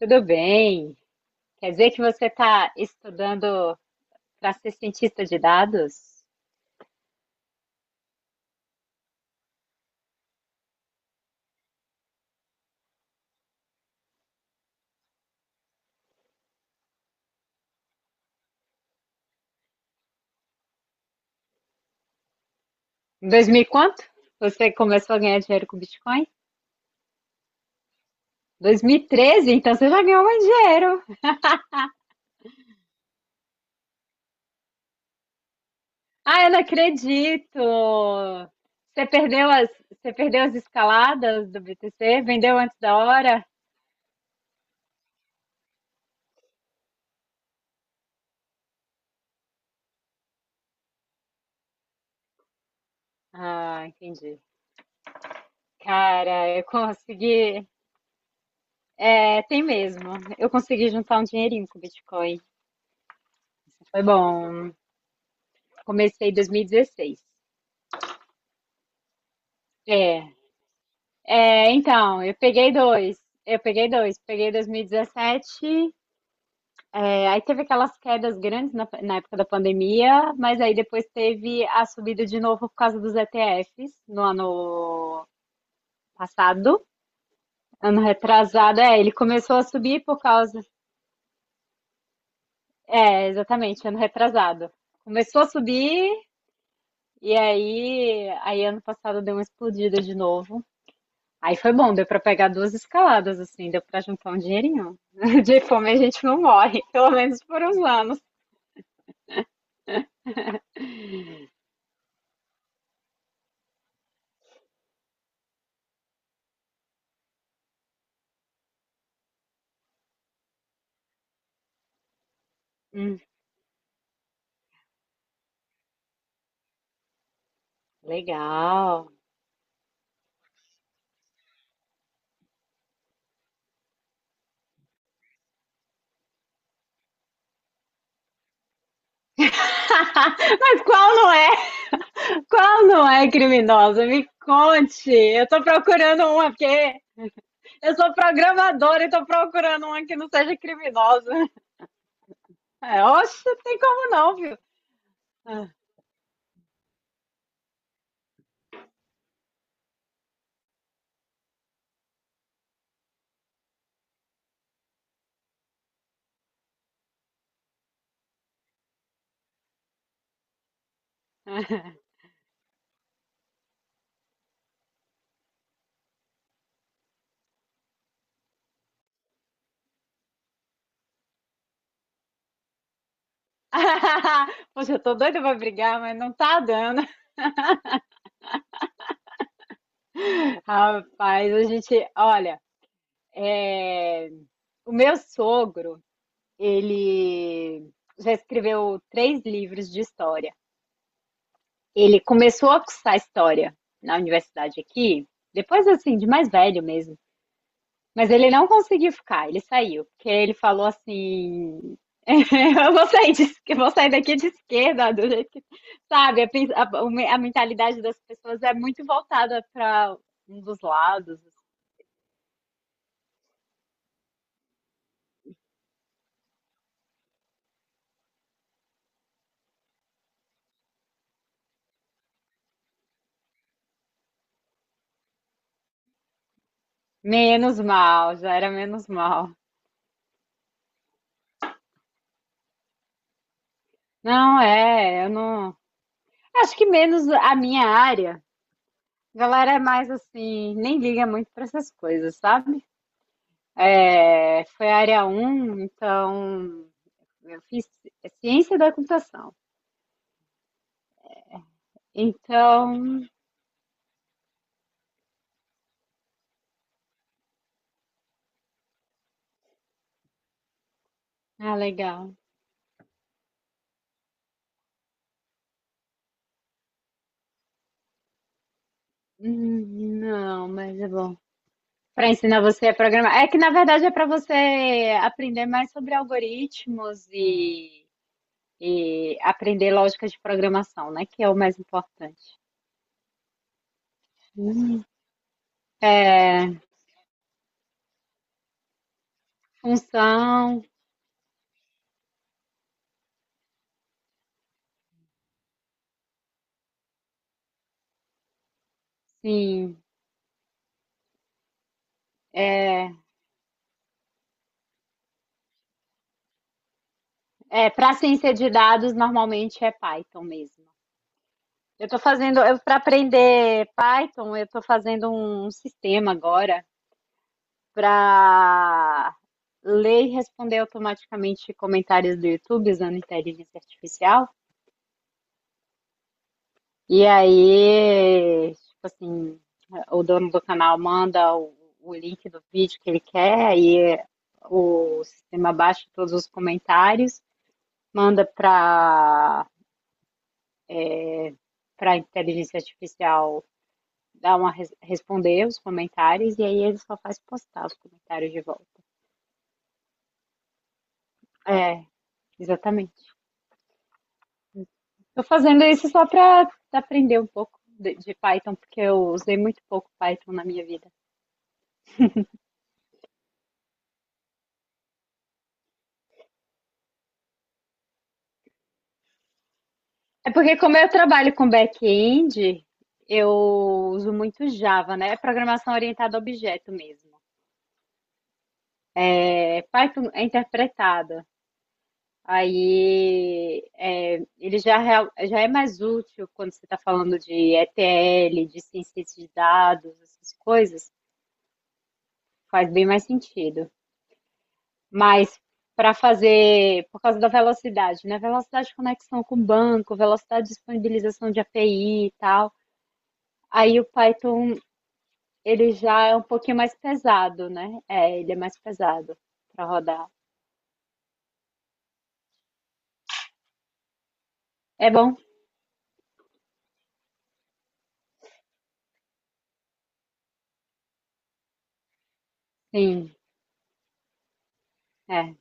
Tudo bem? Quer dizer que você está estudando para ser cientista de dados? Em 2000 e quanto você começou a ganhar dinheiro com Bitcoin? 2013, então você já ganhou mais dinheiro. Ah, eu não acredito! Você perdeu as escaladas do BTC? Vendeu antes da hora? Ah, entendi. Cara, eu consegui. É, tem mesmo. Eu consegui juntar um dinheirinho com o Bitcoin. Foi bom. Comecei em 2016. É, então, eu peguei dois. Eu peguei dois. Peguei 2017. Aí teve aquelas quedas grandes na época da pandemia, mas aí depois teve a subida de novo por causa dos ETFs no ano passado. Ano retrasado, ele começou a subir por causa. É, exatamente, ano retrasado. Começou a subir e aí ano passado deu uma explodida de novo. Aí foi bom, deu pra pegar duas escaladas, assim, deu pra juntar um dinheirinho. De fome a gente não morre, pelo menos por uns anos. Hum, legal. Mas qual não é? Qual não é criminosa? Me conte. Eu tô procurando uma, porque eu sou programadora e tô procurando uma que não seja criminosa. É, oxe, não tem como não, viu? Poxa, eu tô doida pra brigar, mas não tá dando. Rapaz, a gente, olha. É, o meu sogro, ele já escreveu três livros de história. Ele começou a cursar história na universidade aqui, depois assim, de mais velho mesmo. Mas ele não conseguiu ficar, ele saiu, porque ele falou assim: eu vou sair, eu vou sair daqui de esquerda, do jeito que. Sabe, a mentalidade das pessoas é muito voltada para um dos lados. Menos mal, já era menos mal. Não, é, eu não. Acho que menos a minha área. A galera é mais assim, nem liga muito para essas coisas, sabe? É, foi área um, então eu fiz ciência da computação. Então, ah, legal. Não, mas é bom. Para ensinar você a programar. É que na verdade é para você aprender mais sobre algoritmos e aprender lógica de programação, né? Que é o mais importante. Hum, É. Função, sim. É, é para ciência de dados normalmente é Python mesmo. Eu para aprender Python, eu tô fazendo um sistema agora para ler e responder automaticamente comentários do YouTube usando inteligência artificial. E aí, tipo assim, o dono do canal manda o link do vídeo que ele quer, aí o sistema baixa todos os comentários, manda para para inteligência artificial dar uma responder os comentários e aí ele só faz postar os comentários de volta. É, exatamente. Tô fazendo isso só para aprender um pouco de Python, porque eu usei muito pouco Python na minha vida. É porque como eu trabalho com back-end, eu uso muito Java, né? É programação orientada a objeto mesmo. É, Python é interpretada. Ele já é mais útil quando você está falando de ETL, de ciência de dados, essas coisas, faz bem mais sentido. Mas para fazer, por causa da velocidade, né? Velocidade de conexão com o banco, velocidade de disponibilização de API e tal. Aí o Python, ele já é um pouquinho mais pesado, né? É, ele é mais pesado para rodar. É bom? Sim, é.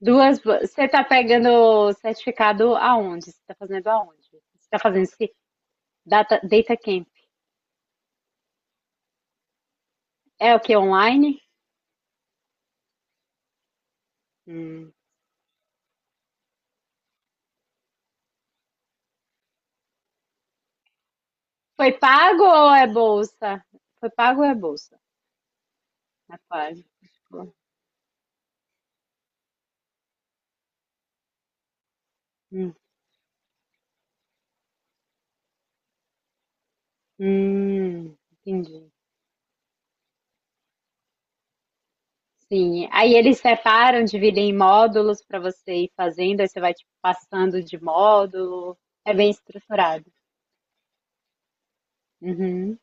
Duas. Você está pegando certificado aonde? Você está fazendo aonde? Você está fazendo esse data camp? É o que? Online? Hum. Foi pago ou é bolsa? Foi pago ou é bolsa? Na página. Tipo, hum. Entendi. Sim. Aí eles separam, dividem em módulos para você ir fazendo, aí você vai tipo, passando de módulo. É bem estruturado. Uhum.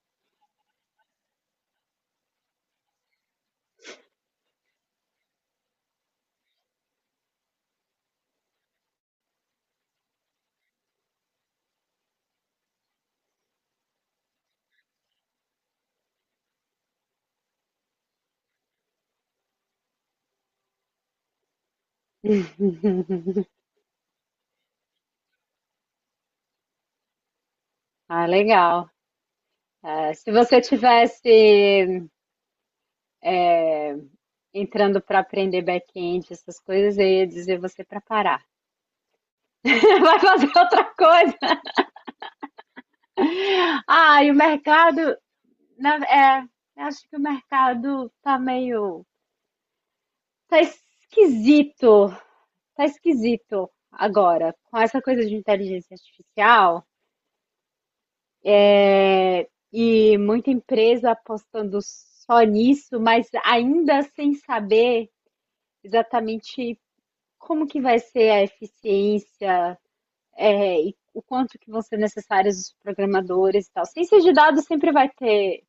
Ah, legal. É, se você tivesse entrando para aprender back-end, essas coisas, eu ia dizer você para parar. Vai fazer outra coisa. Ah, e o mercado, é, acho que o mercado tá meio, tá esquisito, tá esquisito agora, com essa coisa de inteligência artificial, e muita empresa apostando só nisso, mas ainda sem saber exatamente como que vai ser a eficiência, e o quanto que vão ser necessários os programadores e tal. Ciência de dados sempre vai ter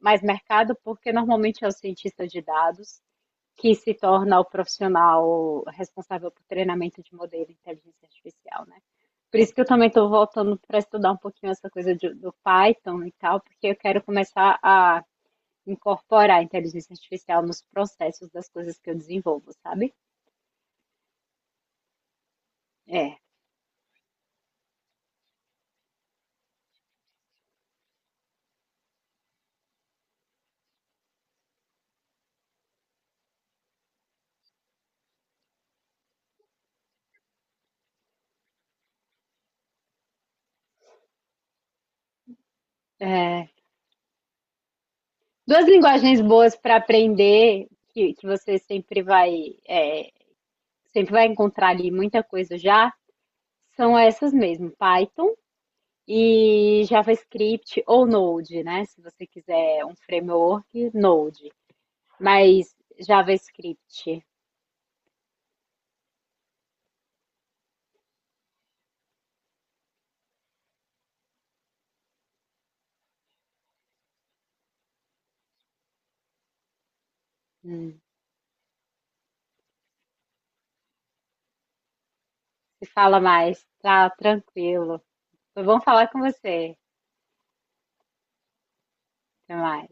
mais mercado, porque normalmente é o cientista de dados que se torna o profissional responsável por treinamento de modelo de inteligência artificial, né? Por isso que eu também estou voltando para estudar um pouquinho essa coisa de, do Python e tal, porque eu quero começar a incorporar a inteligência artificial nos processos das coisas que eu desenvolvo, sabe? É, é duas linguagens boas para aprender, que você sempre vai, sempre vai encontrar ali muita coisa já, são essas mesmo, Python e JavaScript ou Node, né? Se você quiser um framework, Node. Mas JavaScript, hum, se fala mais, tá tranquilo. Foi bom falar com você. Até mais.